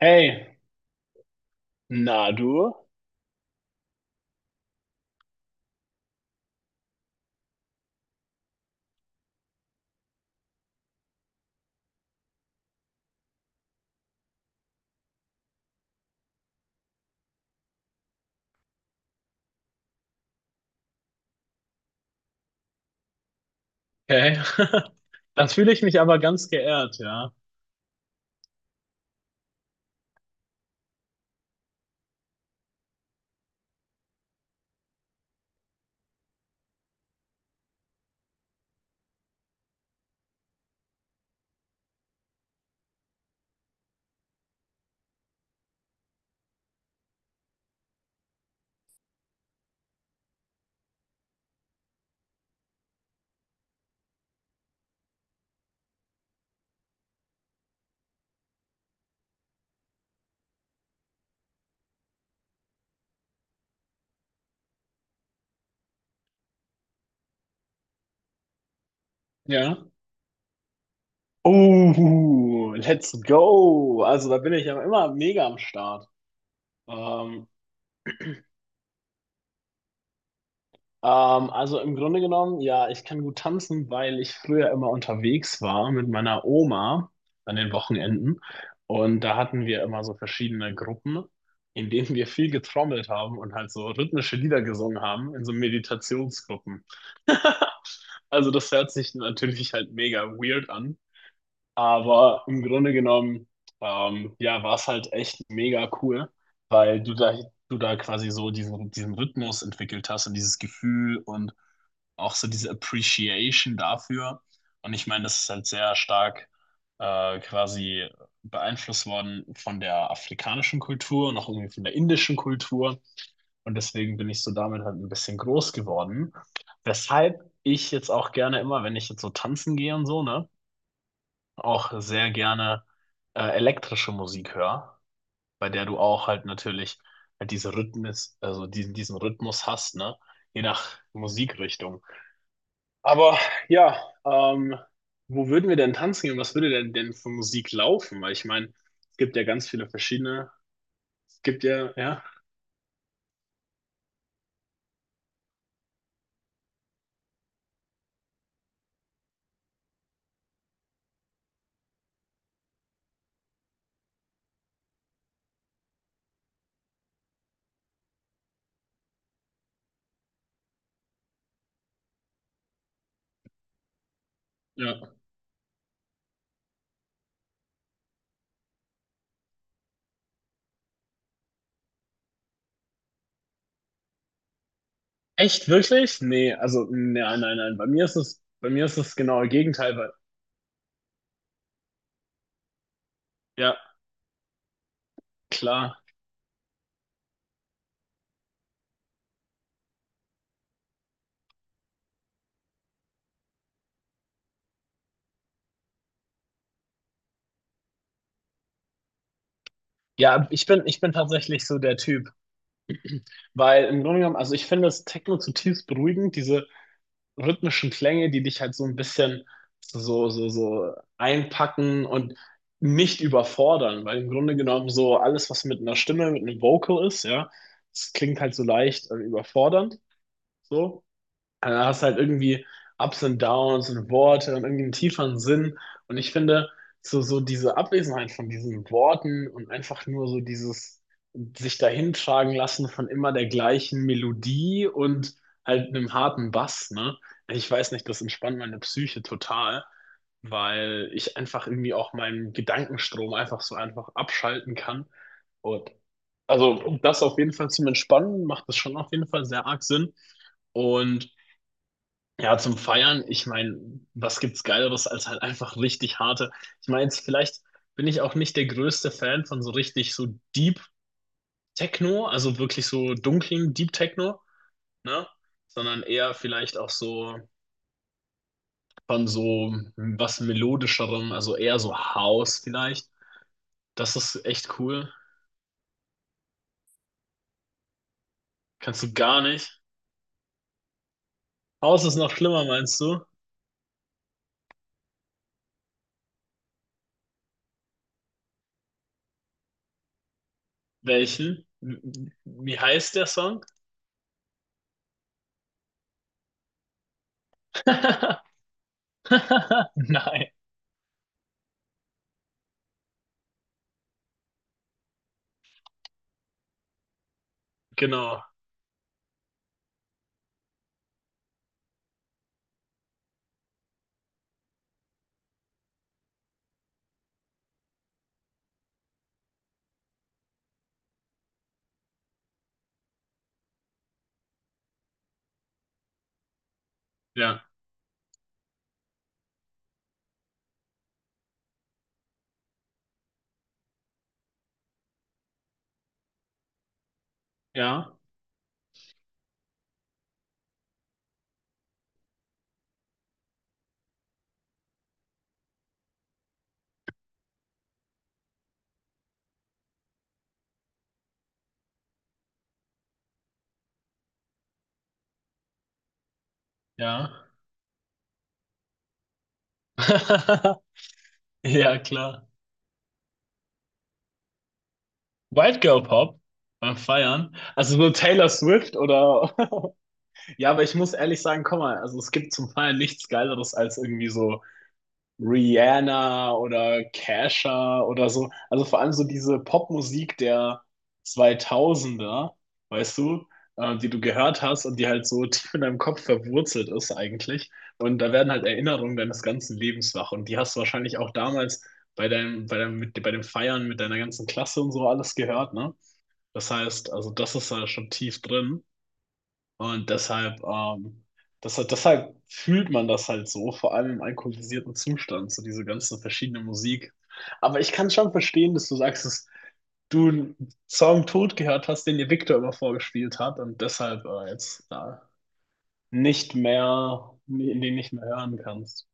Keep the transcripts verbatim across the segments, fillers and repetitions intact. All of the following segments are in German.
Hey, na du? Okay. Da fühle ich mich aber ganz geehrt, ja. Ja. Oh, let's go. Also da bin ich ja immer mega am Start. Ähm, ähm, also im Grunde genommen, ja, ich kann gut tanzen, weil ich früher immer unterwegs war mit meiner Oma an den Wochenenden. Und da hatten wir immer so verschiedene Gruppen, in denen wir viel getrommelt haben und halt so rhythmische Lieder gesungen haben in so Meditationsgruppen. Also das hört sich natürlich halt mega weird an. Aber im Grunde genommen, ähm, ja, war es halt echt mega cool, weil du da, du da quasi so diesen, diesen Rhythmus entwickelt hast und dieses Gefühl und auch so diese Appreciation dafür. Und ich meine, das ist halt sehr stark äh, quasi beeinflusst worden von der afrikanischen Kultur und auch irgendwie von der indischen Kultur. Und deswegen bin ich so damit halt ein bisschen groß geworden. Weshalb ich jetzt auch gerne immer, wenn ich jetzt so tanzen gehe und so, ne? Auch sehr gerne äh, elektrische Musik höre, bei der du auch halt natürlich halt diese Rhythmus, also diesen, diesen Rhythmus hast, ne? Je nach Musikrichtung. Aber ja, ähm, wo würden wir denn tanzen gehen? Was würde denn denn für Musik laufen? Weil ich meine, es gibt ja ganz viele verschiedene. Es gibt ja, ja, ja. Echt, wirklich? Nee, also nee, nein, nein, nein. Bei mir ist es, bei mir ist es genau das genaue Gegenteil, weil, ja, klar. Ja, ich bin, ich bin tatsächlich so der Typ. Weil im Grunde genommen, also ich finde das Techno zutiefst beruhigend, diese rhythmischen Klänge, die dich halt so ein bisschen so, so, so einpacken und nicht überfordern, weil im Grunde genommen so alles, was mit einer Stimme, mit einem Vocal ist, ja, das klingt halt so leicht äh, überfordernd, so. Dann hast du halt irgendwie Ups und Downs und Worte und irgendwie einen tieferen Sinn. Und ich finde, so, so diese Abwesenheit von diesen Worten und einfach nur so dieses sich dahintragen lassen von immer der gleichen Melodie und halt einem harten Bass, ne? Ich weiß nicht, das entspannt meine Psyche total, weil ich einfach irgendwie auch meinen Gedankenstrom einfach so einfach abschalten kann. Und also um das auf jeden Fall zum Entspannen macht das schon auf jeden Fall sehr arg Sinn. Und ja, zum Feiern, ich meine, was gibt's Geileres als halt einfach richtig harte. Ich meine, jetzt vielleicht bin ich auch nicht der größte Fan von so richtig so Deep Techno, also wirklich so dunklen Deep Techno, ne? Sondern eher vielleicht auch so von so was melodischerem, also eher so House vielleicht. Das ist echt cool. Kannst du gar nicht. House ist noch schlimmer, meinst du? Welchen? Wie heißt der Song? Nein, genau. Ja. Ja. Ja. Ja, klar. White Girl Pop beim Feiern. Also nur Taylor Swift oder. Ja, aber ich muss ehrlich sagen, komm mal, also es gibt zum Feiern nichts Geileres als irgendwie so. Rihanna oder Kesha oder so. Also vor allem so diese Popmusik der Zweitausender, weißt du, äh, die du gehört hast und die halt so tief in deinem Kopf verwurzelt ist eigentlich. Und da werden halt Erinnerungen deines ganzen Lebens wach. Und die hast du wahrscheinlich auch damals bei deinem, bei deinem, mit, bei dem Feiern mit deiner ganzen Klasse und so alles gehört, ne? Das heißt, also das ist da schon tief drin. Und deshalb, ähm, deshalb, deshalb fühlt man das halt so, vor allem im alkoholisierten Zustand, so diese ganze verschiedene Musik. Aber ich kann schon verstehen, dass du sagst, dass du einen Song tot gehört hast, den dir Victor immer vorgespielt hat und deshalb äh, jetzt da nicht mehr, nee, den nicht mehr hören kannst.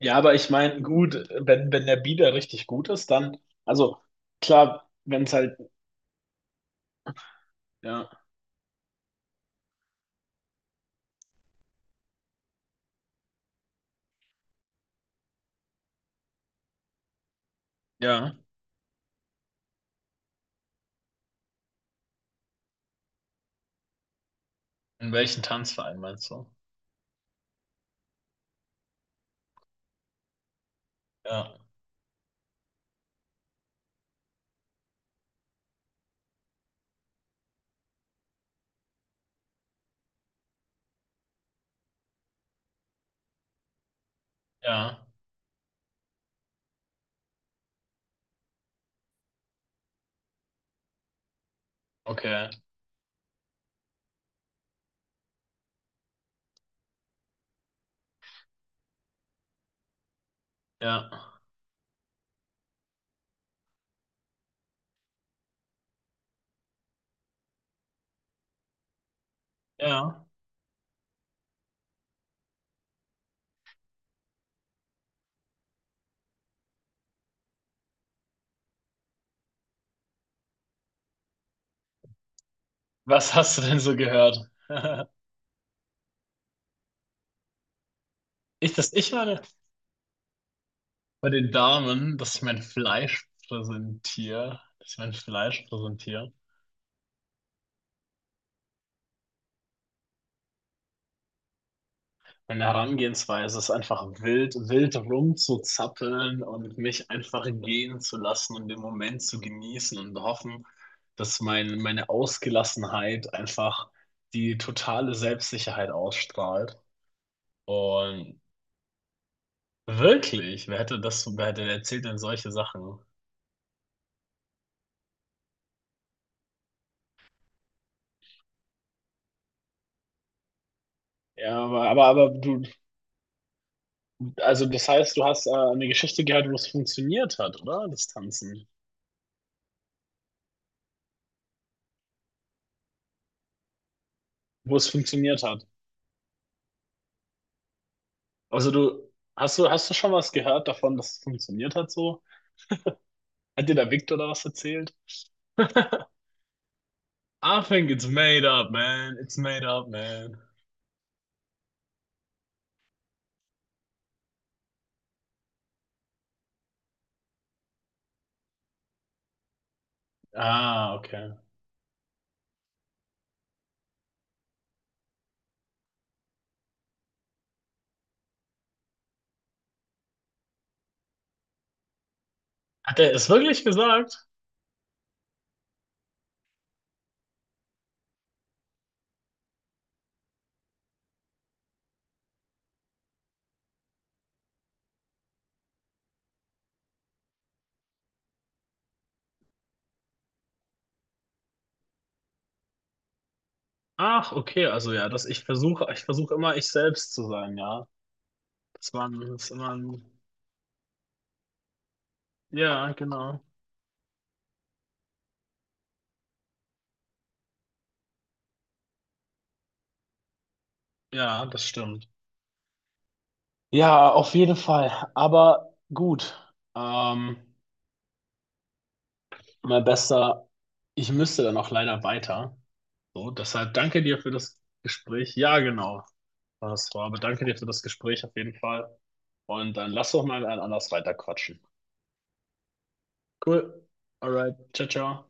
Ja, aber ich meine, gut, wenn, wenn der Bieder richtig gut ist, dann, also klar, wenn es halt, ja, ja. In welchen Tanzverein meinst du? Ja, ja, okay, ja. Ja. Was hast du denn so gehört? Ich, dass ich meine, bei den Damen, dass ich mein Fleisch präsentiere, dass ich mein Fleisch präsentiere. Meine Herangehensweise ist einfach wild, wild rumzuzappeln und mich einfach gehen zu lassen und den Moment zu genießen und hoffen, dass mein, meine Ausgelassenheit einfach die totale Selbstsicherheit ausstrahlt. Und wirklich, wer hätte das, wer hätte erzählt denn solche Sachen? Ja, aber, aber, aber du, also das heißt, du hast äh, eine Geschichte gehört, wo es funktioniert hat, oder? Das Tanzen. Wo es funktioniert hat. Also du, hast du, hast du schon was gehört davon, dass es funktioniert hat so? Hat dir der Victor da was erzählt? I think it's made up, man. It's made up, man. Ah, okay. Hat er es wirklich gesagt? Ach, okay. Also ja, dass ich versuche, ich versuche immer ich selbst zu sein, ja. Das war, ein- das ist immer ein, ja, genau. Ja, das stimmt. Ja, auf jeden Fall. Aber gut. Ähm, mein Bester, ich müsste dann auch leider weiter. So, deshalb danke dir für das Gespräch. Ja, genau, war es war. Aber danke dir für das Gespräch auf jeden Fall. Und dann lass doch mal ein anders weiter quatschen. Cool. Alright. Ciao, ciao.